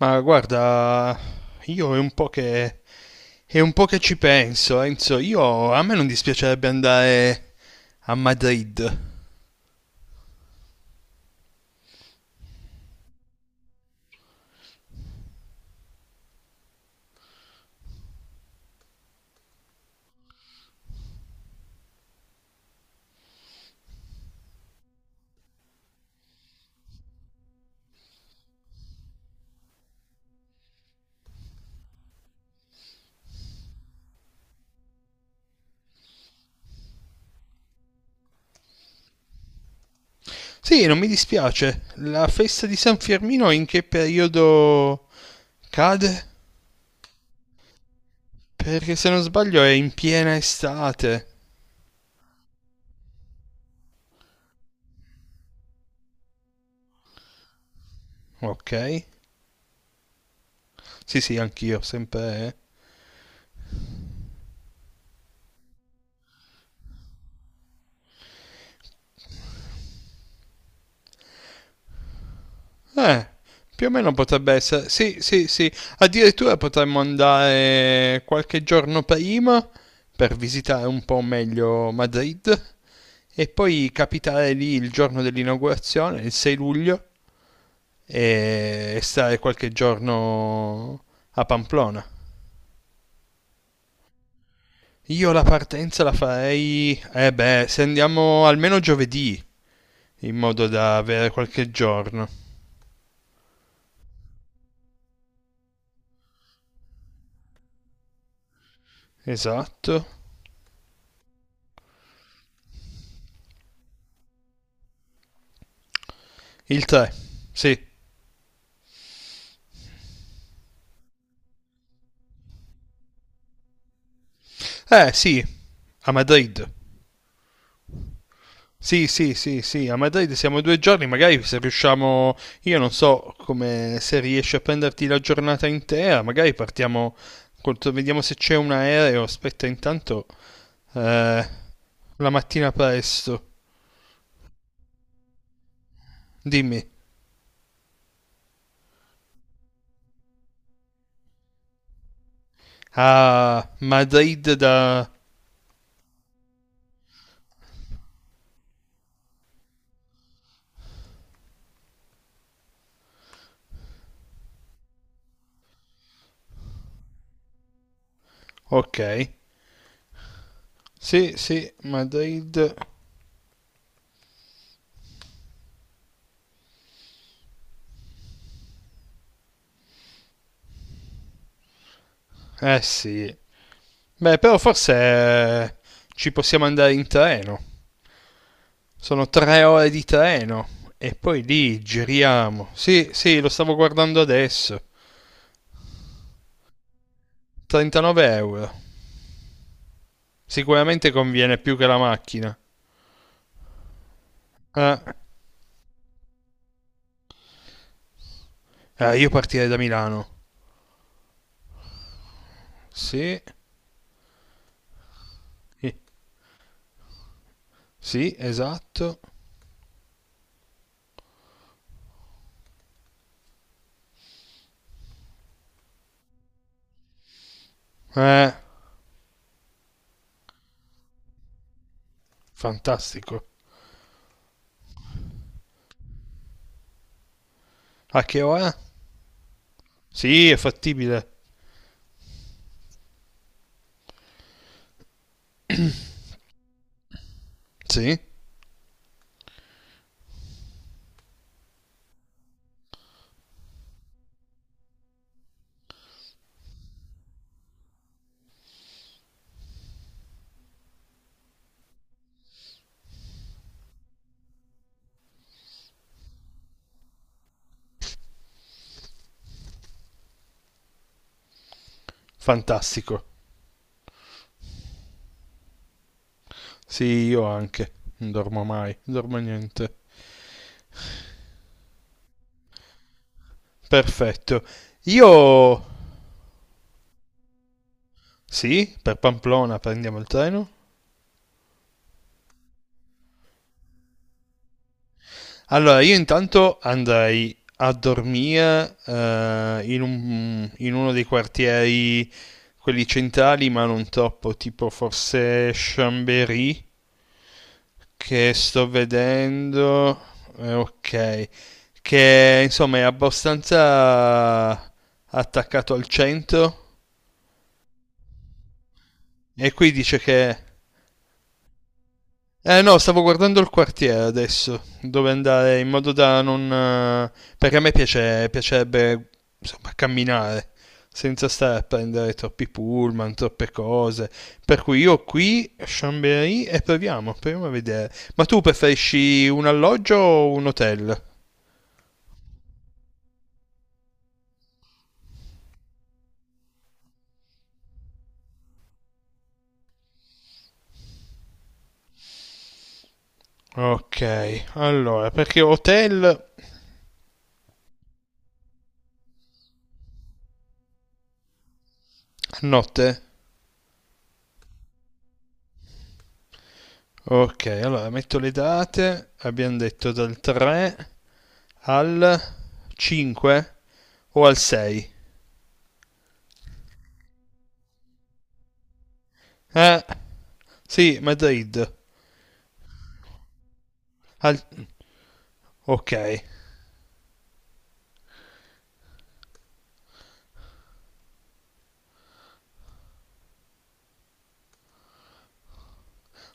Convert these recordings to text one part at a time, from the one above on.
Ma guarda, io è un po' che, è un po' che ci penso, Enzo. Io, a me non dispiacerebbe andare a Madrid. Sì, non mi dispiace. La festa di San Firmino in che periodo cade? Perché se non sbaglio è in piena estate. Ok. Sì, sì, anch'io, sempre... Eh, più o meno potrebbe essere... Sì, sì, sì. Addirittura potremmo andare qualche giorno prima per visitare un po' meglio Madrid. E poi capitare lì il giorno dell'inaugurazione, il 6 luglio, e stare qualche giorno a Pamplona. Io la partenza la farei, eh beh, se andiamo almeno giovedì, in modo da avere qualche giorno. Esatto. Il 3. Sì. Eh sì, a Madrid. Sì, sì, sì, sì, a Madrid siamo due giorni, magari se riusciamo, io non so come se riesci a prenderti la giornata intera, magari partiamo, col- vediamo se c'è un aereo, aspetta intanto, eh, la mattina presto. Dimmi, a Madrid da... Ok, sì, sì, Madrid, eh sì, beh però forse ci possiamo andare in treno. Sono tre ore di treno e poi lì giriamo. Sì, sì, lo stavo guardando adesso. 39 euro. Sicuramente conviene più che la macchina. Ah, io partirei da Milano. Sì, eh, sì, esatto. Eh, fantastico. A che ora? Sì, è fattibile. Sì, fantastico. Sì, io anche. Non dormo mai, non dormo niente. Perfetto. Io... Sì, per Pamplona prendiamo il treno? Allora, io intanto andrei a dormire in uno dei quartieri, quelli centrali, ma non troppo, tipo forse Chambéry, che sto vedendo, ok, che insomma è abbastanza attaccato al centro, e qui dice che... Eh no, stavo guardando il quartiere adesso, dove andare in modo da non... perché a me piace, piacerebbe, insomma, camminare senza stare a prendere troppi pullman, troppe cose. Per cui io qui, Chambéry, e proviamo a vedere. Ma tu preferisci un alloggio o un hotel? Ok, allora, perché hotel a notte? Ok, allora metto le date, abbiamo detto dal 3 al 5 o al 6. Eh, sì, Madrid. Al- ok,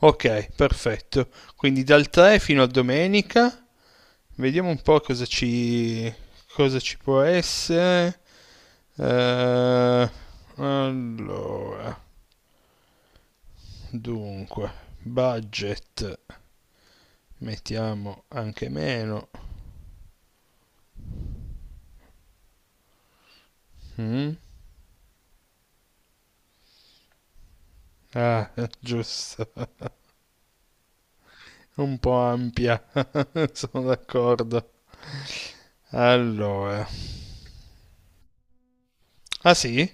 ok, perfetto. Quindi dal 3 fino a domenica. Vediamo un po' cosa ci può essere. Eh, allora, dunque, budget. Mettiamo anche meno. Mm? Ah, giusto. Un po' ampia, sono d'accordo. Allora. Ah sì?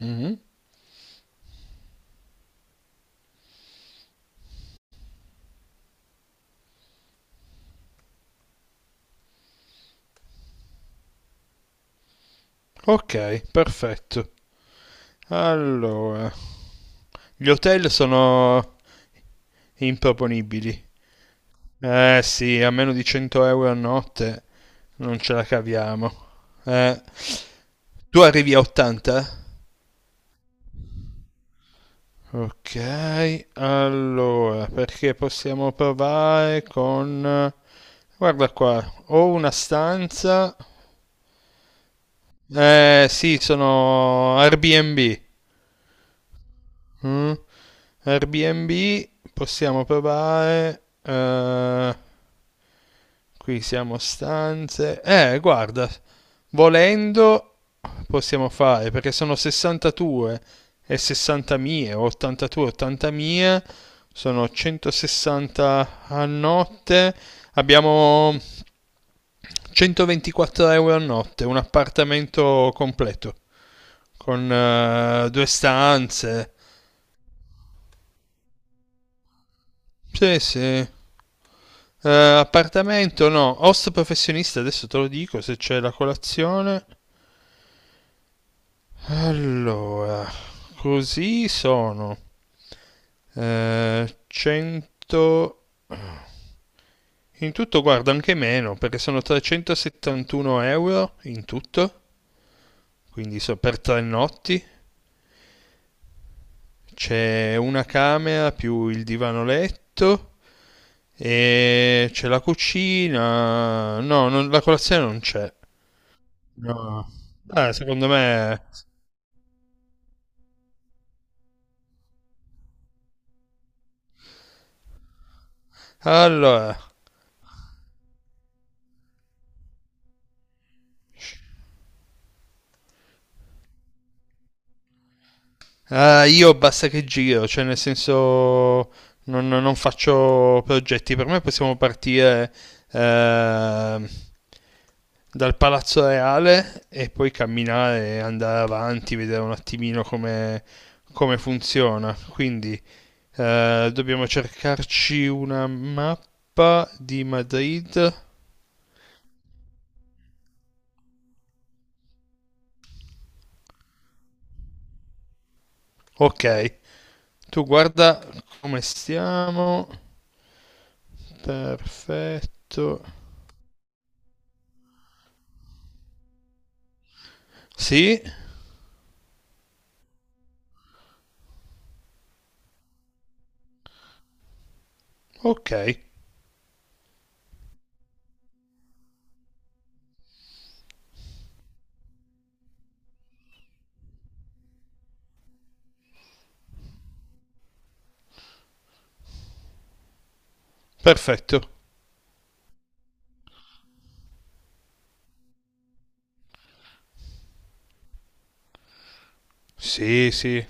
Mhm. Ok, perfetto. Allora, gli hotel sono improponibili. Eh sì, a meno di 100 euro a notte non ce la caviamo. Eh, tu arrivi a 80? Ok, allora, perché possiamo provare con... Guarda qua, ho una stanza... Eh sì, sono Airbnb. Mm? Airbnb, possiamo provare... qui siamo stanze. Guarda, volendo possiamo fare perché sono 62 e 60 mie, 82, 80 mie, sono 160 a notte. Abbiamo 124 euro a notte, un appartamento completo con due stanze. Sì, sì. Appartamento no, host professionista, adesso te lo dico se c'è la colazione. Allora, così sono 100... In tutto guarda anche meno, perché sono 371 euro in tutto, quindi per tre notti. C'è una camera più il divano letto e c'è la cucina. No, la colazione non c'è. No. Ah, secondo me... Allora, ah, io basta che giro, cioè nel senso non faccio progetti. Per me possiamo partire eh, dal Palazzo Reale e poi camminare, andare avanti, vedere un attimino come, come funziona. Quindi dobbiamo cercarci una mappa di Madrid. Ok, tu guarda come stiamo. Perfetto. Sì, ok. Perfetto. Sì, sì.